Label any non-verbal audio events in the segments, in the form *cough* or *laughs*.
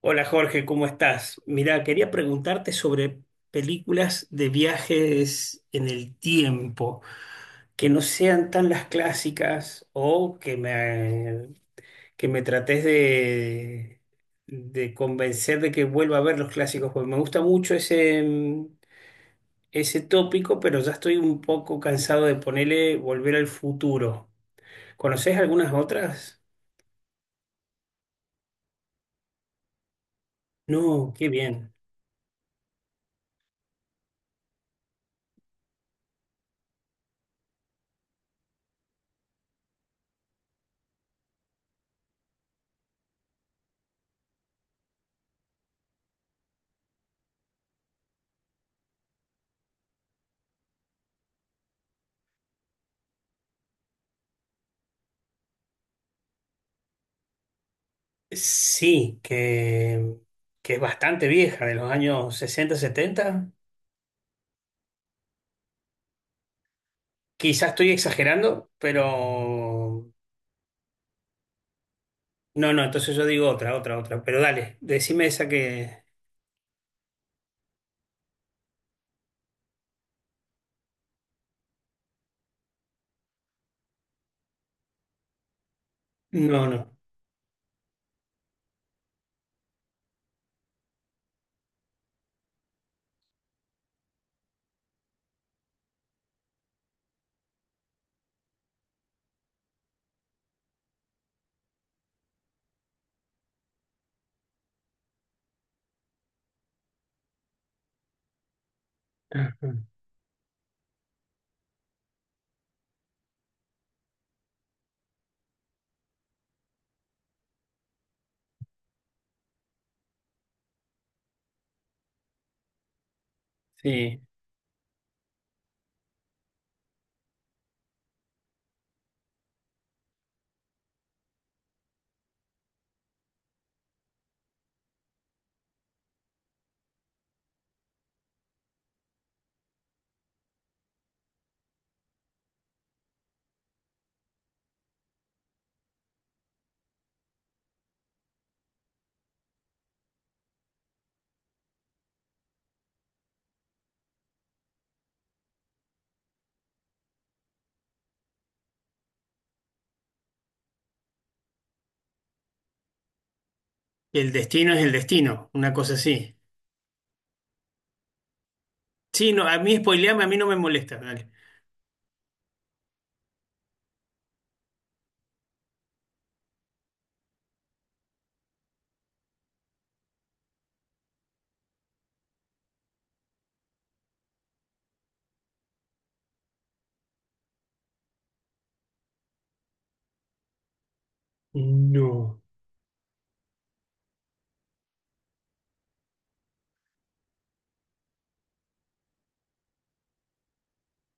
Hola Jorge, ¿cómo estás? Mira, quería preguntarte sobre películas de viajes en el tiempo, que no sean tan las clásicas o que me trates de convencer de que vuelva a ver los clásicos, porque me gusta mucho ese tópico, pero ya estoy un poco cansado de ponerle volver al futuro. ¿Conoces algunas otras? No, qué bien. Sí, que es bastante vieja, de los años 60 70. Quizás estoy exagerando. No, no, entonces yo digo otra, otra, otra. Pero dale, decime esa que. No, no. Ajá. Sí. El destino es el destino, una cosa así. Sí, no, a mí spoileame, a mí no me molesta, dale. No.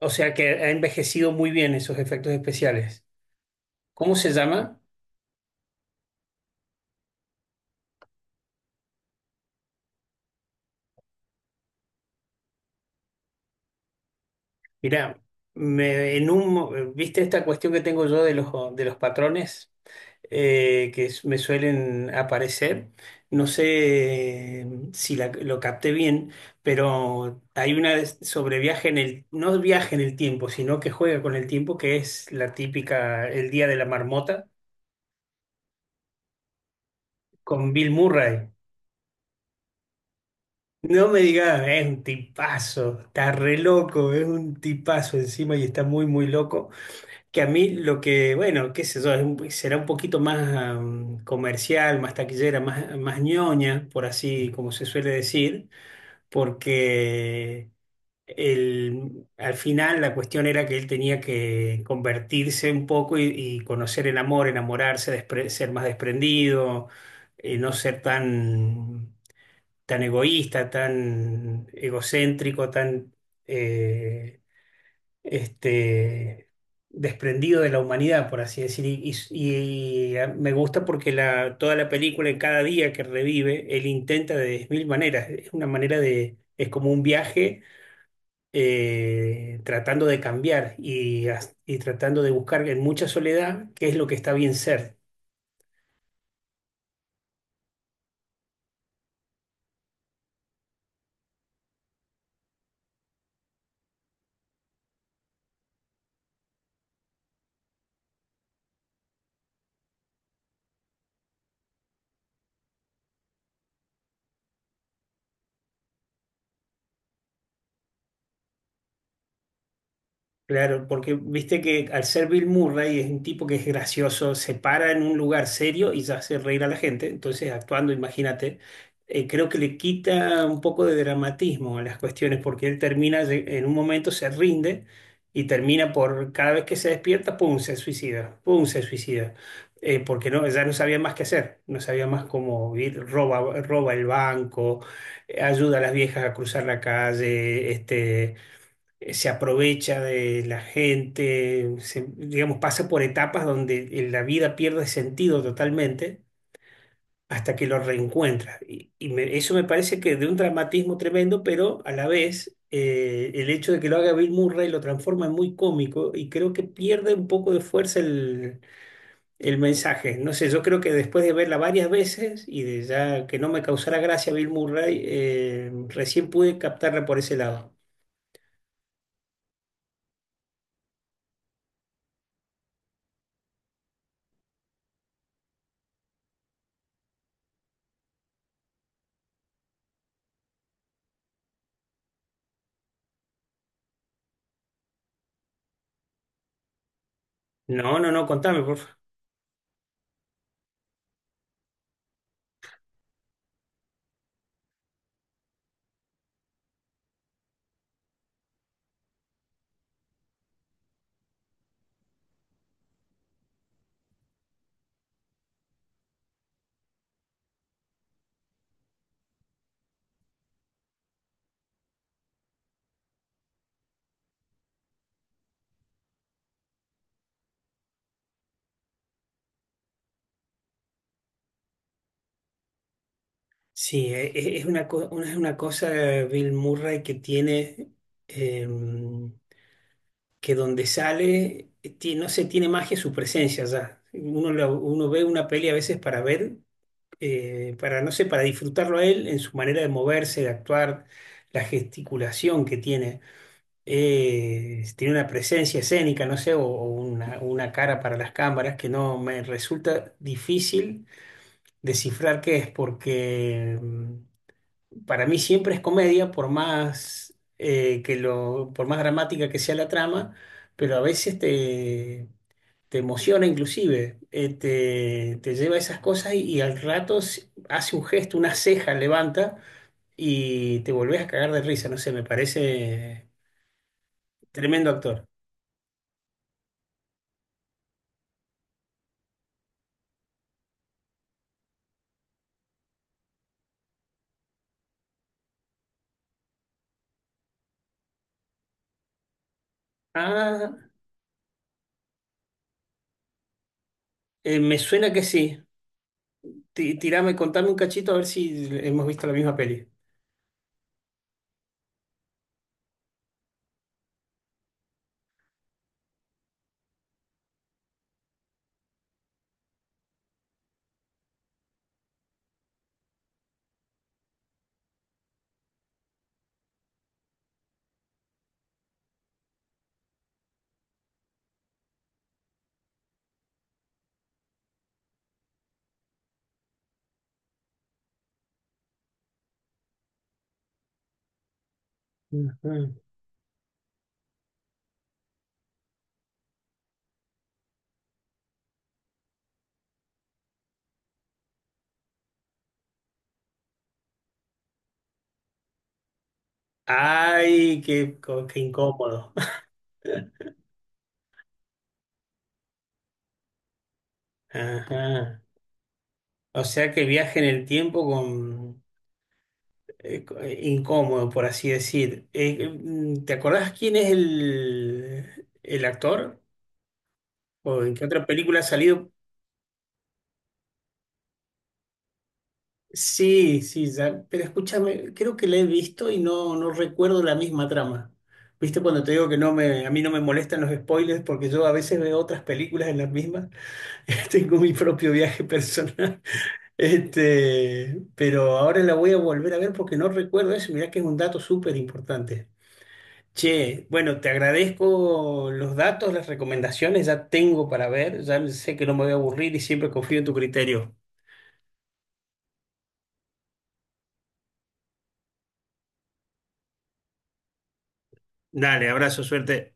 O sea que ha envejecido muy bien esos efectos especiales. ¿Cómo se llama? Mirá, me, en un, mo- ¿viste esta cuestión que tengo yo de los patrones? Que me suelen aparecer. No sé si lo capté bien, pero hay una sobre viaje en el, no viaje en el tiempo, sino que juega con el tiempo, que es la típica El Día de la Marmota, con Bill Murray. No me digas, es un tipazo, está re loco, es un tipazo encima y está muy, muy loco. Que a mí lo que, bueno, qué sé yo, será un poquito más comercial, más taquillera, más ñoña, por así como se suele decir, porque al final la cuestión era que él tenía que convertirse un poco y conocer el amor, enamorarse, ser más desprendido, no ser tan egoísta, tan egocéntrico. eh, este, Desprendido de la humanidad, por así decir. Y me gusta porque toda la película, en cada día que revive, él intenta de 10.000 maneras. Es una manera es como un viaje tratando de cambiar y tratando de buscar en mucha soledad qué es lo que está bien ser. Claro, porque viste que al ser Bill Murray es un tipo que es gracioso, se para en un lugar serio y ya hace reír a la gente, entonces actuando, imagínate, creo que le quita un poco de dramatismo a las cuestiones porque él termina, en un momento se rinde y termina por, cada vez que se despierta, pum, se suicida, pum, se suicida. Porque no, ya no sabía más qué hacer, no sabía más cómo ir, roba el banco, ayuda a las viejas a cruzar la calle, se aprovecha de la gente, digamos, pasa por etapas donde la vida pierde sentido totalmente hasta que lo reencuentra. Y eso me parece que de un dramatismo tremendo, pero a la vez el hecho de que lo haga Bill Murray lo transforma en muy cómico y creo que pierde un poco de fuerza el mensaje. No sé, yo creo que después de verla varias veces y de ya que no me causara gracia Bill Murray, recién pude captarla por ese lado. No, no, no, contame, por favor. Sí, es una cosa Bill Murray que tiene, em, que donde sale, no sé, tiene magia su presencia ya. Uno, uno ve una peli a veces para ver, para, no sé, para disfrutarlo a él en su manera de moverse, de actuar, la gesticulación que tiene. Tiene una presencia escénica, no sé, o una, cara para las cámaras que no me resulta difícil descifrar qué es, porque para mí siempre es comedia, por más por más dramática que sea la trama, pero a veces te emociona inclusive, te lleva a esas cosas y al rato hace un gesto, una ceja levanta y te volvés a cagar de risa, no sé, me parece tremendo actor. Ah, me suena que sí. Tirame, contame un cachito a ver si hemos visto la misma peli. Ujú. Ay, qué incómodo. *laughs* Ajá. O sea que viaje en el tiempo con incómodo, por así decir. ¿Te acordás quién es el actor? ¿O en qué otra película ha salido? Sí, sí, ya, pero escúchame, creo que la he visto y no recuerdo la misma trama. ¿Viste cuando te digo que a mí no me molestan los spoilers porque yo a veces veo otras películas en las mismas? *laughs* Tengo mi propio viaje personal. Pero ahora la voy a volver a ver porque no recuerdo eso. Mirá que es un dato súper importante. Che, bueno, te agradezco los datos, las recomendaciones, ya tengo para ver, ya sé que no me voy a aburrir y siempre confío en tu criterio. Dale, abrazo, suerte.